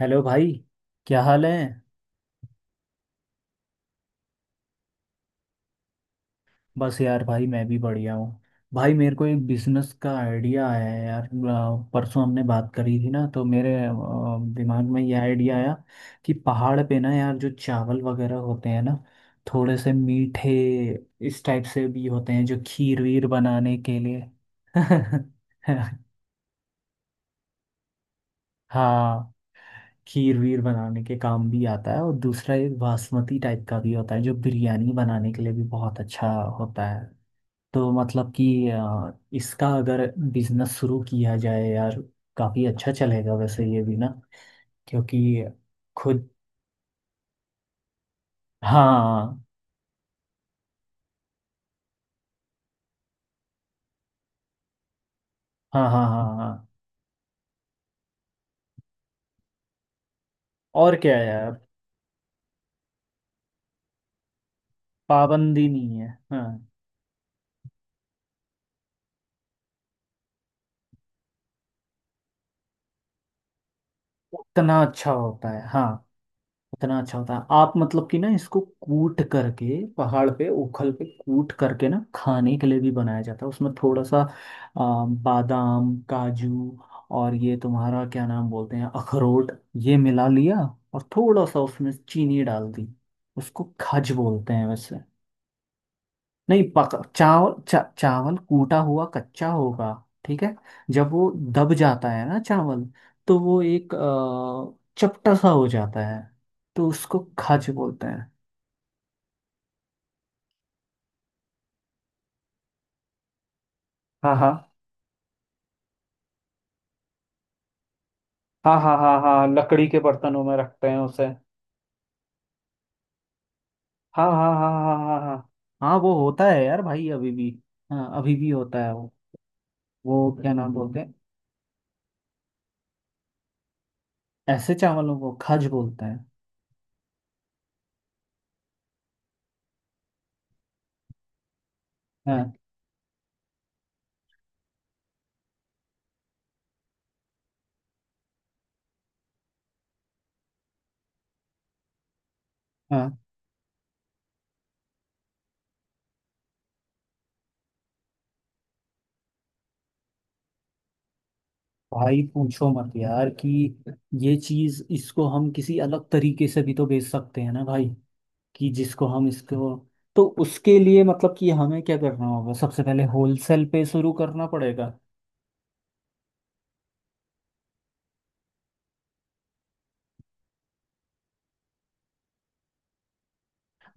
Hello भाई। क्या हाल है। बस यार भाई मैं भी बढ़िया हूँ। भाई मेरे को एक बिजनेस का आइडिया आया है यार। परसों हमने बात करी थी ना, तो मेरे दिमाग में ये आइडिया आया कि पहाड़ पे ना यार जो चावल वगैरह होते हैं ना, थोड़े से मीठे इस टाइप से भी होते हैं जो खीर वीर बनाने के लिए। हाँ, खीर वीर बनाने के काम भी आता है, और दूसरा एक बासमती टाइप का भी होता है जो बिरयानी बनाने के लिए भी बहुत अच्छा होता है। तो मतलब कि इसका अगर बिजनेस शुरू किया जाए यार, काफी अच्छा चलेगा वैसे ये भी ना, क्योंकि खुद। हाँ हाँ हाँ हाँ हाँ। और क्या है यार। पाबंदी नहीं है, हाँ। उतना अच्छा होता है, हाँ। इतना अच्छा होता है आप, मतलब कि ना इसको कूट करके पहाड़ पे उखल पे कूट करके ना खाने के लिए भी बनाया जाता है। उसमें थोड़ा सा बादाम काजू और ये तुम्हारा क्या नाम बोलते हैं, अखरोट, ये मिला लिया, और थोड़ा सा उसमें चीनी डाल दी। उसको खज बोलते हैं वैसे। नहीं पक, चावल कूटा हुआ कच्चा होगा। ठीक है। जब वो दब जाता है ना चावल, तो वो एक चपटा सा हो जाता है। तो उसको खाज बोलते हैं। हाँ हाँ हाँ हाँ हाँ हाँ, लकड़ी के बर्तनों में रखते हैं उसे। हाँ हाँ हाँ हाँ हाँ हाँ हाँ, वो होता है यार भाई अभी भी। हाँ, अभी भी होता है वो। वो क्या नाम बोलते हैं, ऐसे चावलों को खाज बोलते हैं। हाँ। हाँ भाई पूछो मत यार कि ये चीज, इसको हम किसी अलग तरीके से भी तो बेच सकते हैं ना भाई, कि जिसको हम इसको, तो उसके लिए मतलब कि हमें क्या करना होगा? सबसे पहले होलसेल पे शुरू करना पड़ेगा।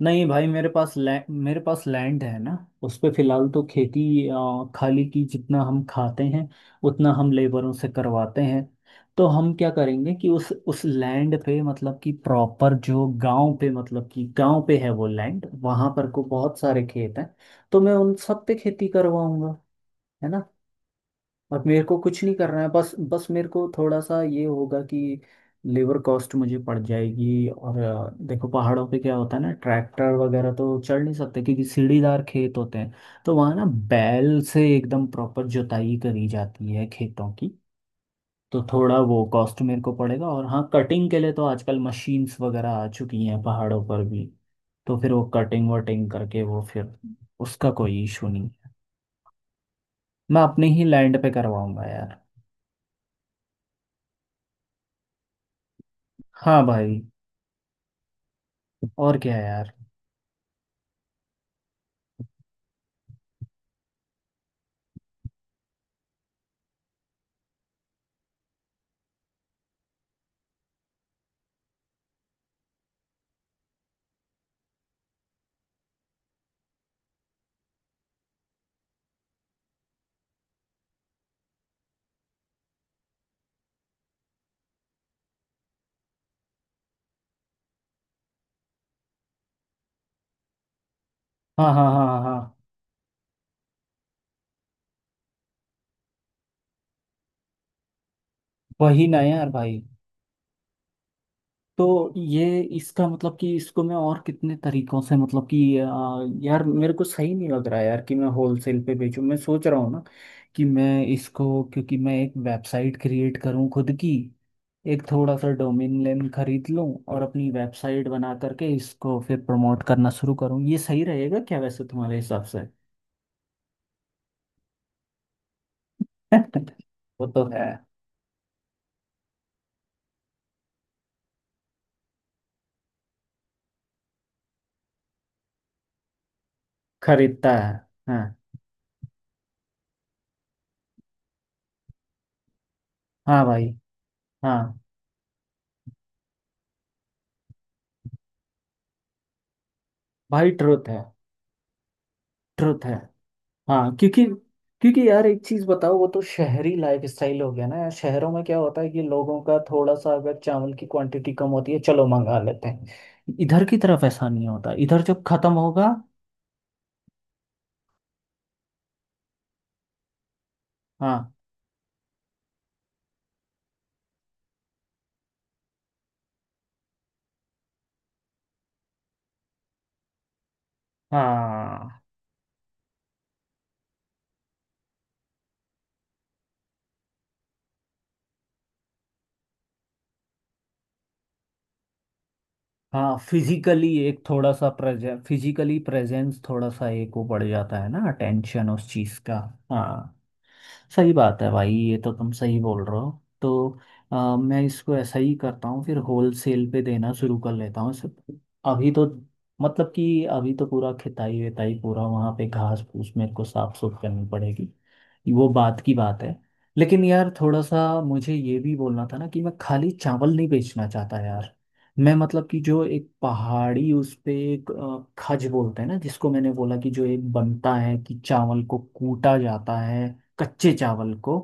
नहीं भाई, मेरे पास लैंड है ना। उस पे फिलहाल तो खेती खाली की, जितना हम खाते हैं उतना हम लेबरों से करवाते हैं। तो हम क्या करेंगे कि उस लैंड पे, मतलब कि प्रॉपर जो गांव पे, मतलब कि गांव पे है वो लैंड, वहां पर को बहुत सारे खेत हैं। तो मैं उन सब पे खेती करवाऊंगा, है ना। अब मेरे को कुछ नहीं करना है, बस बस मेरे को थोड़ा सा ये होगा कि लेबर कॉस्ट मुझे पड़ जाएगी, और देखो पहाड़ों पे क्या होता है ना, ट्रैक्टर वगैरह तो चढ़ नहीं सकते क्योंकि सीढ़ीदार खेत होते हैं। तो वहाँ ना बैल से एकदम प्रॉपर जुताई करी जाती है खेतों की। तो थोड़ा वो कॉस्ट मेरे को पड़ेगा, और हाँ कटिंग के लिए तो आजकल मशीन्स वगैरह आ चुकी हैं पहाड़ों पर भी। तो फिर वो कटिंग वटिंग करके वो फिर, उसका कोई इशू नहीं है। मैं अपने ही लैंड पे करवाऊंगा यार। हाँ भाई, और क्या यार। हाँ हाँ हाँ हाँ हाँ। वही ना यार भाई, तो ये इसका मतलब कि इसको मैं और कितने तरीकों से, मतलब कि यार मेरे को सही नहीं लग रहा यार कि मैं होलसेल पे बेचूं, मैं सोच रहा हूँ ना कि मैं इसको, क्योंकि मैं एक वेबसाइट क्रिएट करूँ खुद की, एक थोड़ा सा डोमेन नेम खरीद लूँ और अपनी वेबसाइट बना करके इसको फिर प्रमोट करना शुरू करूँ। ये सही रहेगा क्या वैसे तुम्हारे हिसाब से? वो तो है। खरीदता है। हाँ। हाँ भाई। हाँ भाई ट्रुथ है। ट्रुथ है। हाँ, क्योंकि, क्योंकि यार एक चीज बताओ, वो तो शहरी लाइफ स्टाइल हो गया ना यार। शहरों में क्या होता है कि लोगों का थोड़ा सा अगर चावल की क्वांटिटी कम होती है, चलो मंगा लेते हैं। इधर की तरफ ऐसा नहीं होता, इधर जब खत्म होगा। हाँ हाँ हाँ। फिजिकली एक थोड़ा सा प्रेजे फिजिकली प्रेजेंस थोड़ा सा एक वो बढ़ जाता है ना, अटेंशन उस चीज का। हाँ, सही बात है भाई, ये तो तुम सही बोल रहे हो। तो मैं इसको ऐसा ही करता हूँ, फिर होल सेल पे देना शुरू कर लेता हूँ इसे। अभी तो, मतलब कि अभी तो पूरा खिताई विताई पूरा वहाँ पे घास फूस मेरे को साफ सुफ करनी पड़ेगी। वो बात की बात है। लेकिन यार थोड़ा सा मुझे ये भी बोलना था ना कि मैं खाली चावल नहीं बेचना चाहता यार। मैं मतलब कि जो एक पहाड़ी, उस पे एक खज बोलते हैं ना, जिसको मैंने बोला कि जो एक बनता है कि चावल को कूटा जाता है, कच्चे चावल को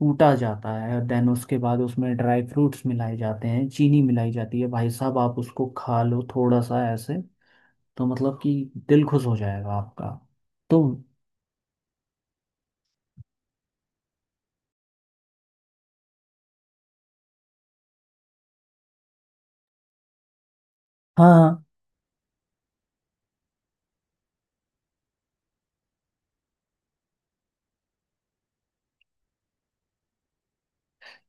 कूटा जाता है, देन उसके बाद उसमें ड्राई फ्रूट्स मिलाए जाते हैं, चीनी मिलाई जाती है। भाई साहब आप उसको खा लो थोड़ा सा ऐसे, तो मतलब कि दिल खुश हो जाएगा आपका। तो हाँ,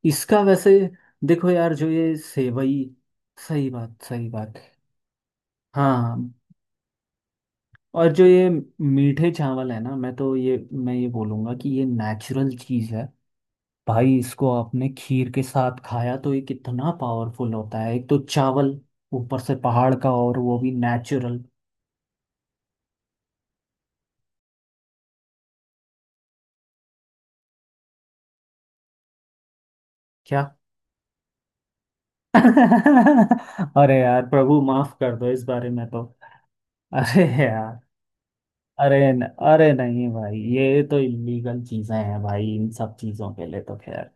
इसका वैसे देखो यार जो ये सेवई। सही बात, सही बात। हाँ और जो ये मीठे चावल है ना, मैं तो ये, मैं ये बोलूँगा कि ये नेचुरल चीज़ है भाई। इसको आपने खीर के साथ खाया तो ये कितना पावरफुल होता है, एक तो चावल, ऊपर से पहाड़ का और वो भी नेचुरल। क्या? अरे यार प्रभु माफ कर दो, इस बारे में तो, अरे यार, अरे नहीं भाई, ये तो इलीगल चीज़ें हैं भाई। इन सब चीज़ों के लिए तो खैर।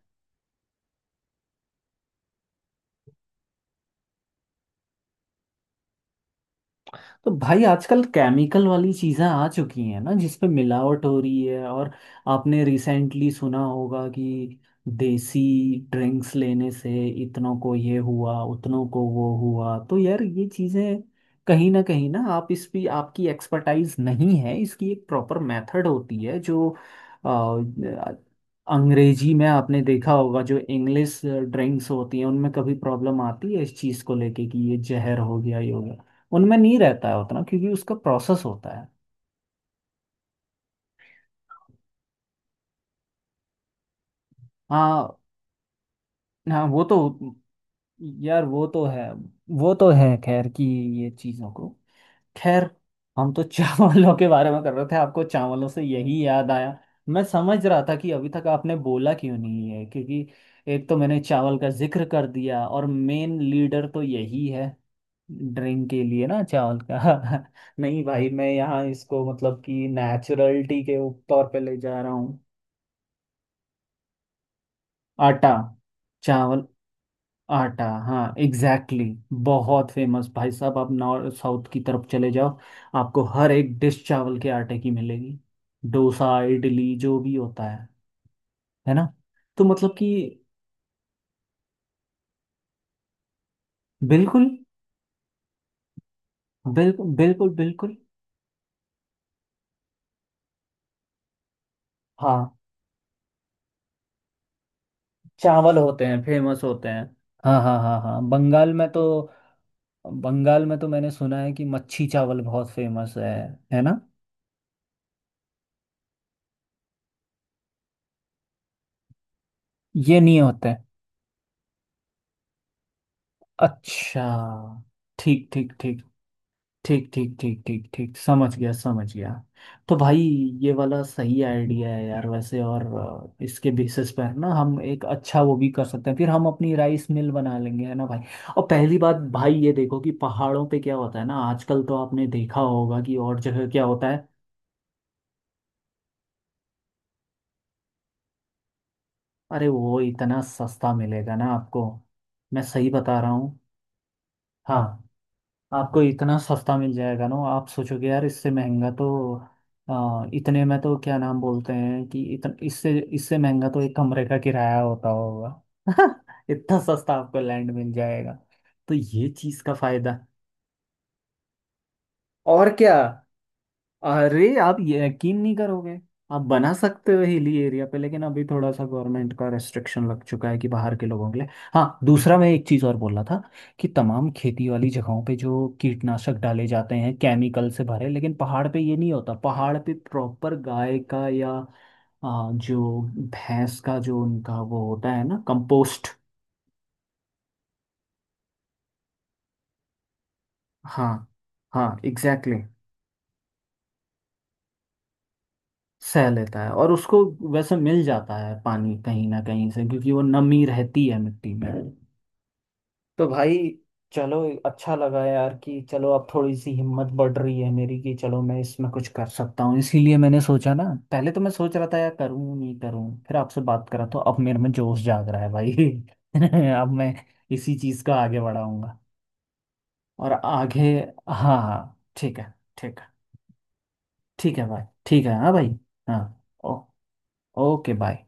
तो भाई आजकल केमिकल वाली चीज़ें आ चुकी हैं ना, जिसपे मिलावट हो रही है, और आपने रिसेंटली सुना होगा कि देसी ड्रिंक्स लेने से इतनों को ये हुआ उतनों को वो हुआ। तो यार ये चीज़ें कहीं ना कहीं ना, आप इस भी आपकी एक्सपर्टाइज नहीं है, इसकी एक प्रॉपर मेथड होती है जो, अ, अंग्रेजी में आपने देखा होगा जो इंग्लिश ड्रिंक्स होती हैं, उनमें कभी प्रॉब्लम आती है इस चीज़ को लेके कि ये जहर हो गया ये हो गया। उनमें नहीं रहता है उतना, क्योंकि उसका प्रोसेस होता है। हाँ, हाँ वो तो, यार वो तो है, वो तो है खैर कि ये चीज़ों को, खैर हम तो चावलों के बारे में कर रहे थे, आपको चावलों से यही याद आया। मैं समझ रहा था कि अभी तक आपने बोला क्यों नहीं है, क्योंकि एक तो मैंने चावल का जिक्र कर दिया और मेन लीडर तो यही है ड्रिंक के लिए ना, चावल का। नहीं भाई मैं यहाँ इसको मतलब कि नेचुरलिटी के ऊपर पे ले जा रहा हूँ। आटा चावल आटा हाँ एग्जैक्टली, exactly. बहुत फेमस भाई साहब, आप नॉर्थ साउथ की तरफ चले जाओ, आपको हर एक डिश चावल के आटे की मिलेगी। डोसा इडली जो भी होता है ना। तो मतलब कि बिल्कुल बिल्कुल बिल्कुल बिल्कुल। हाँ चावल होते हैं, फेमस होते हैं। हाँ हाँ हाँ हाँ, बंगाल में तो, बंगाल में तो मैंने सुना है कि मच्छी चावल बहुत फेमस है ना, ये नहीं होते। अच्छा, ठीक ठीक ठीक, ठीक ठीक ठीक ठीक ठीक, समझ गया समझ गया। तो भाई ये वाला सही आइडिया है यार वैसे, और इसके बेसिस पर ना हम एक अच्छा वो भी कर सकते हैं, फिर हम अपनी राइस मिल बना लेंगे, है ना भाई। और पहली बात भाई ये देखो कि पहाड़ों पे क्या होता है ना, आजकल तो आपने देखा होगा कि और जगह क्या होता है। अरे वो इतना सस्ता मिलेगा ना आपको, मैं सही बता रहा हूँ। हाँ, आपको इतना सस्ता मिल जाएगा ना, आप सोचोगे यार इससे महंगा तो, इतने में तो क्या नाम बोलते हैं कि इससे इससे महंगा तो एक कमरे का किराया होता होगा। इतना सस्ता आपको लैंड मिल जाएगा, तो ये चीज़ का फायदा। और क्या, अरे आप ये यकीन नहीं करोगे। आप बना सकते हो हिली एरिया पे, लेकिन अभी थोड़ा सा गवर्नमेंट का रेस्ट्रिक्शन लग चुका है कि बाहर के लोगों के लिए। हाँ, दूसरा मैं एक चीज़ और बोल रहा था कि तमाम खेती वाली जगहों पे जो कीटनाशक डाले जाते हैं केमिकल से भरे, लेकिन पहाड़ पे ये नहीं होता, पहाड़ पे प्रॉपर गाय का या जो भैंस का, जो उनका वो होता है ना, कंपोस्ट। हाँ, हाँ एग्जैक्टली, सह लेता है और उसको वैसे मिल जाता है पानी कहीं ना कहीं से, क्योंकि वो नमी रहती है मिट्टी में। तो भाई चलो, अच्छा लगा यार, कि चलो अब थोड़ी सी हिम्मत बढ़ रही है मेरी कि चलो मैं इसमें कुछ कर सकता हूँ। इसीलिए मैंने सोचा ना, पहले तो मैं सोच रहा था यार करूँ नहीं करूँ, फिर आपसे बात करा तो अब मेरे में जोश जाग रहा है भाई। अब मैं इसी चीज़ का आगे बढ़ाऊंगा। और आगे, हाँ हाँ, ठीक है ठीक है, ठीक है भाई ठीक है, हाँ भाई, हाँ। ओ, ओके बाय।